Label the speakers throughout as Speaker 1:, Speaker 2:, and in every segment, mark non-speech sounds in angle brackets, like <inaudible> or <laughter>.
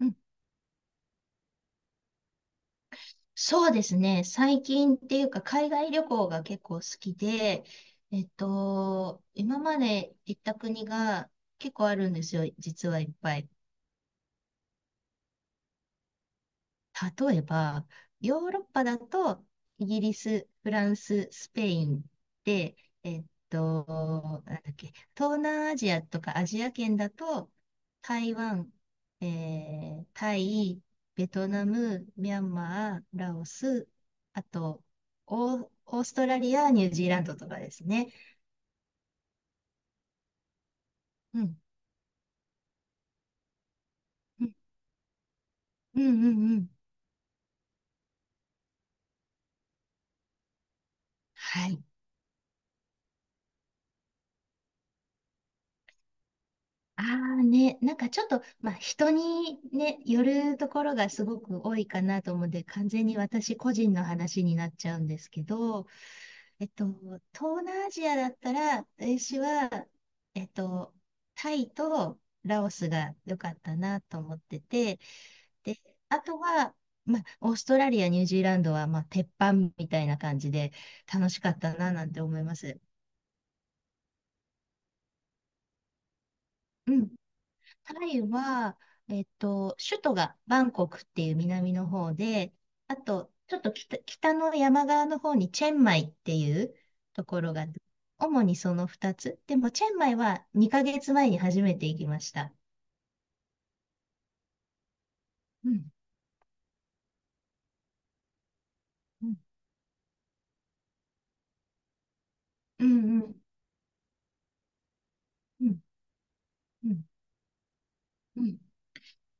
Speaker 1: うん。そうですね。最近っていうか、海外旅行が結構好きで、今まで行った国が結構あるんですよ、実はいっぱい。例えば、ヨーロッパだと、イギリス、フランス、スペインで、なんだっけ、東南アジアとかアジア圏だと、台湾、タイ、ベトナム、ミャンマー、ラオス、あと、オーストラリア、ニュージーランドとかですね。うん。うんうんうんうん。はい。ああね、なんかちょっと、まあ、人にね、よるところがすごく多いかなと思うんで、完全に私個人の話になっちゃうんですけど、えっと、東南アジアだったら、私は、えっと、タイとラオスが良かったなと思ってて、で、あとは、まあ、オーストラリア、ニュージーランドは、まあ、鉄板みたいな感じで楽しかったななんて思います。うん。タイは、首都がバンコクっていう南の方で、あと、ちょっと北の山側の方にチェンマイっていうところが、主にその2つ。でも、チェンマイは2ヶ月前に初めて行きました。うん、うん、うん、うん、うん、うん。うん。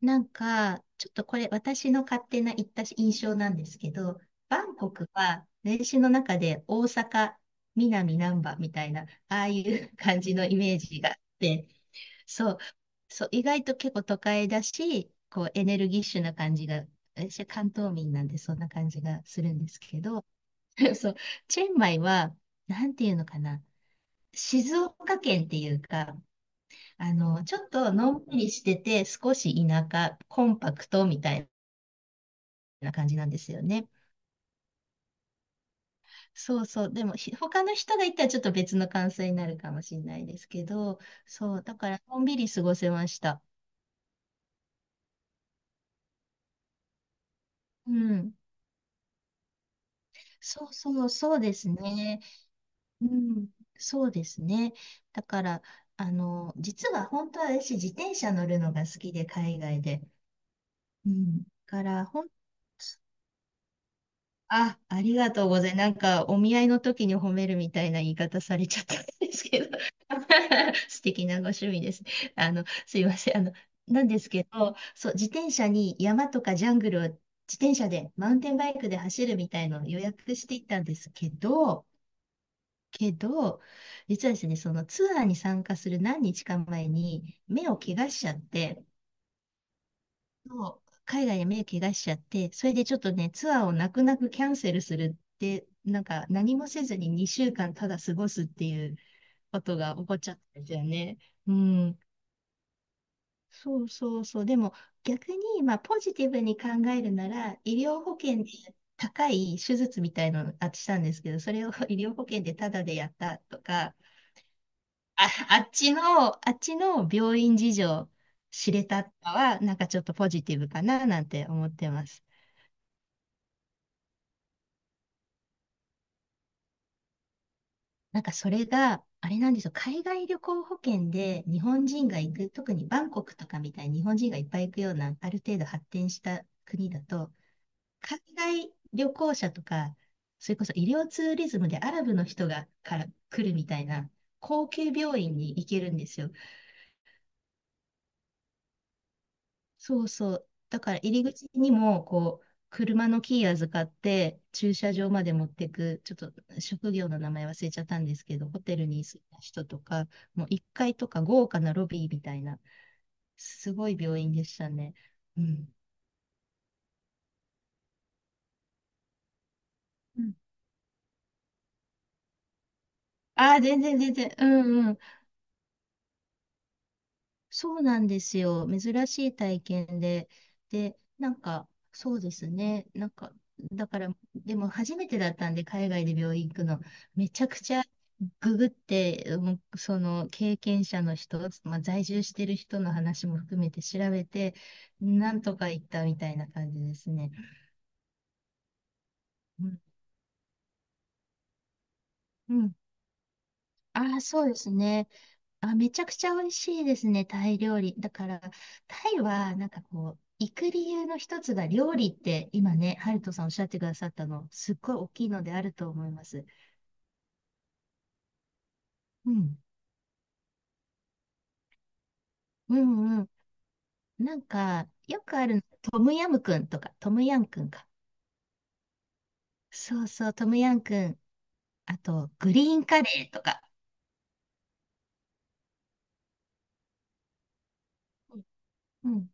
Speaker 1: なんか、ちょっとこれ私の勝手な言った印象なんですけど、バンコクは年史の中で大阪、南難波みたいな、ああいう感じのイメージがあって、そう、そう、意外と結構都会だし、こうエネルギッシュな感じが、私は関東民なんでそんな感じがするんですけど、<laughs> そう、チェンマイは、なんていうのかな、静岡県っていうか、ちょっとのんびりしてて、少し田舎、コンパクトみたいな感じなんですよね。そうそう。でも、他の人が行ったらちょっと別の感想になるかもしれないですけど、そう、だからのんびり過ごせました。うん。そうそう、そうですね。うん。そうですね。だから、実は本当は私、自転車乗るのが好きで、海外で。うん。だから、あ、ありがとうございます。なんか、お見合いの時に褒めるみたいな言い方されちゃったんですけど、<laughs> 素敵なご趣味です。あの、すいません。なんですけど、そう、自転車に山とかジャングルを自転車で、マウンテンバイクで走るみたいのを予約していったんですけど、けど、実はですね、そのツアーに参加する何日か前に目を怪我しちゃって、そう、海外で目怪我しちゃって、それでちょっとね、ツアーを泣く泣くキャンセルするって、なんか何もせずに2週間ただ過ごすっていうことが起こっちゃったんですよね。うん。そうそうそう。でも逆に、まあポジティブに考えるなら、医療保険で高い手術みたいのしたんですけど、それを <laughs> 医療保険でタダでやったとか、あ、あっちの、あっちの病院事情知れたかは、なんかちょっとポジティブかななんて思ってます。なんかそれが、あれなんですよ、海外旅行保険で日本人が行く、特にバンコクとかみたいに日本人がいっぱい行くような、ある程度発展した国だと、海外旅行者とか、それこそ医療ツーリズムでアラブの人がから来るみたいな、高級病院に行けるんですよ。そうそう。だから入り口にも、こう、車のキー預かって、駐車場まで持ってく、ちょっと職業の名前忘れちゃったんですけど、ホテルに住んだ人とか、もう1階とか豪華なロビーみたいな、すごい病院でしたね。うん。うん。ああ、全然全然。うんうん。そうなんですよ。珍しい体験で。で、なんか、そうですね。なんか、だから、でも初めてだったんで、海外で病院行くの、めちゃくちゃググって、うん。その経験者の人、まあ、在住してる人の話も含めて調べて、なんとか行ったみたいな感じですね。うん。うん。ああ、そうですね。あ、めちゃくちゃ美味しいですね、タイ料理。だから、タイは、なんかこう、行く理由の一つが料理って、今ね、ハルトさんおっしゃってくださったの、すっごい大きいのであると思います。うん。うんうん。なんか、よくあるの、トムヤムクンとか、トムヤンクンか。そうそう、トムヤンクン。あと、グリーンカレーとか。うん。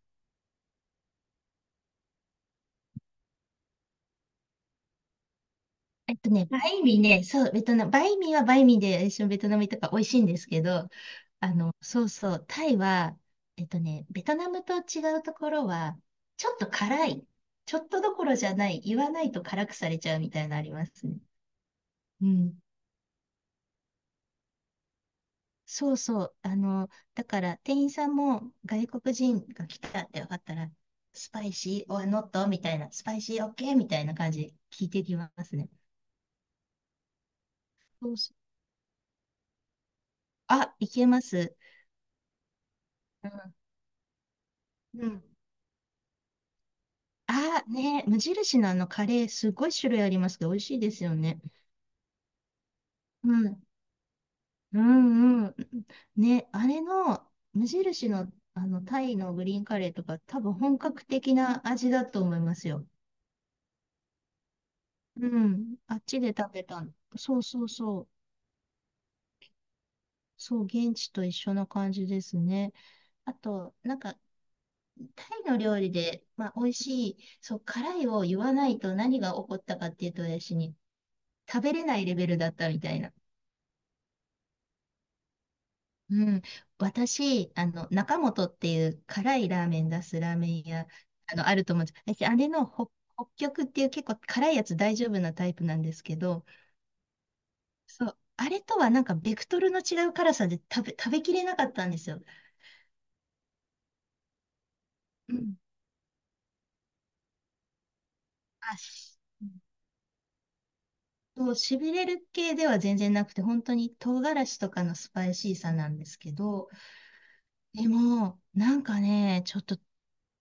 Speaker 1: バインミーね、そう、ベトナム、バインミーはバインミーで、一緒にベトナムとか美味しいんですけど、そうそう、タイは、ベトナムと違うところは、ちょっと辛い。ちょっとどころじゃない。言わないと辛くされちゃうみたいなのありますね。うん。そうそう。だから店員さんも外国人が来たって分かったら、スパイシー、オアノットみたいな、スパイシーオッケーみたいな感じで聞いてきますね。そうそう。あ、いけます。うん。うん。ああ、ね、無印のあのカレー、すごい種類ありますけど、美味しいですよね。うん、うん、うん。ね、あれの、無印の、タイのグリーンカレーとか、多分本格的な味だと思いますよ。うん、あっちで食べたの。そうそうそう。そう、現地と一緒な感じですね。あと、なんか、タイの料理で、まあ、美味しい、そう、辛いを言わないと何が起こったかっていうと、私に、食べれないレベルだったみたいな。うん、私、中本っていう辛いラーメン出すラーメン屋、あると思うんです。私、あれの北極っていう結構辛いやつ大丈夫なタイプなんですけど、そう、あれとはなんかベクトルの違う辛さで食べきれなかったんですよ。うん。あ、しそう、しびれる系では全然なくて、本当に唐辛子とかのスパイシーさなんですけど、でも、なんかね、ちょっと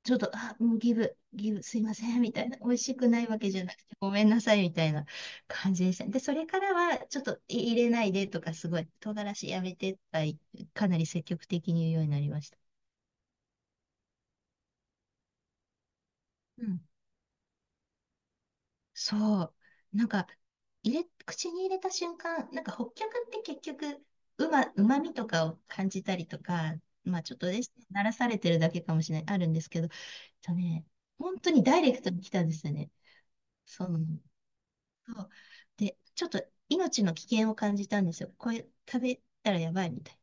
Speaker 1: ちょっと、あ、もうギブ、ギブ、すいません、みたいな、美味しくないわけじゃなくて、ごめんなさい、みたいな感じでした。で、それからは、ちょっと入れないでとか、すごい、唐辛子やめてとか、かなり積極的に言うようになりました。うん。そう。なんか、口に入れた瞬間、なんか、北極って結局、うまみとかを感じたりとか、まあ、ちょっとですね、慣らされてるだけかもしれない、あるんですけど、えっとね、本当にダイレクトに来たんですよね。そう。そう。で、ちょっと命の危険を感じたんですよ。これ食べたらやばいみたい。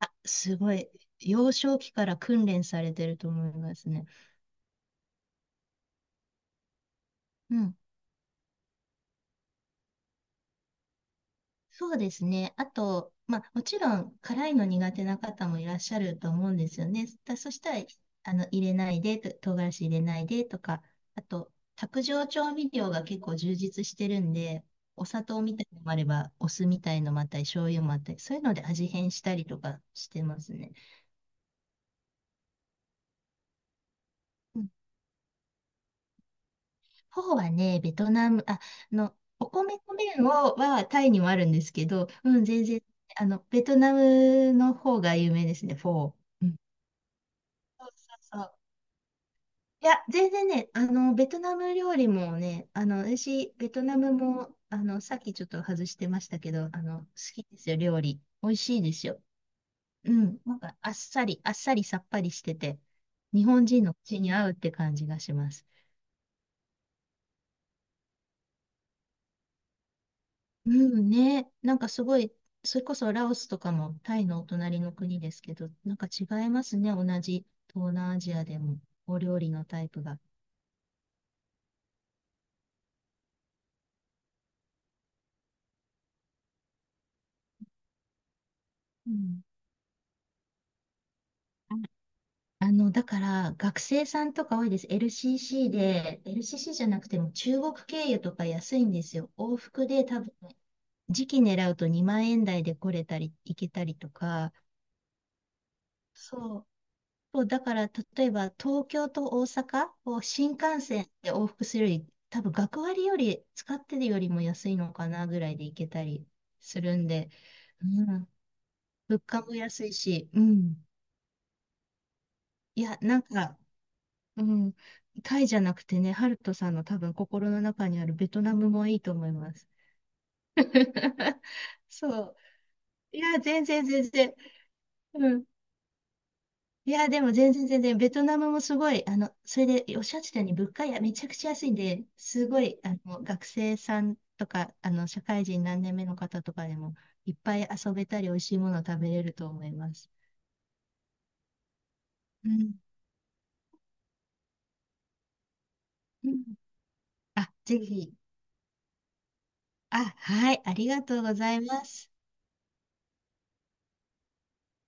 Speaker 1: あ、すごい。幼少期から訓練されてると思いますね。うん。そうですね。あと、まあ、もちろん辛いの苦手な方もいらっしゃると思うんですよね。そしたら、入れないでと、唐辛子入れないでとか、あと、卓上調味料が結構充実してるんで、お砂糖みたいのもあれば、お酢みたいのもあったり、醤油もあったり、そういうので味変したりとかしてますね。フォーはね、ベトナム、お米の麺をはタイにもあるんですけど、うん、全然、ベトナムの方が有名ですね、フォー。うん。そうそうそう。いや、全然ね、ベトナム料理もね、私、ベトナムも、さっきちょっと外してましたけど、好きですよ、料理。美味しいですよ。うん。なんか、あっさりさっぱりしてて、日本人の口に合うって感じがします。うんね、なんかすごい、それこそラオスとかもタイのお隣の国ですけど、なんか違いますね、同じ東南アジアでも、お料理のタイプが。うん。あだから、学生さんとか多いです。LCC で、LCC じゃなくても中国経由とか安いんですよ。往復で多分、時期狙うと2万円台で来れたり、行けたりとか、そうそう、だから、例えば、東京と大阪を新幹線で往復するより、多分、学割より、使ってるよりも安いのかなぐらいで行けたりするんで、うん、物価も安いし、うん。いや、なんか、うん、タイじゃなくてね、ハルトさんの多分、心の中にあるベトナムもいいと思います。<laughs> そう。いや、全然全然。うん。いや、でも全然全然、ベトナムもすごい、それでおっしゃってたように物価やめちゃくちゃ安いんで、すごい、学生さんとか、社会人何年目の方とかでも、いっぱい遊べたり、美味しいもの食べれると思います。うん。うん。あ、ぜひ。あ、はい、ありがとうございます。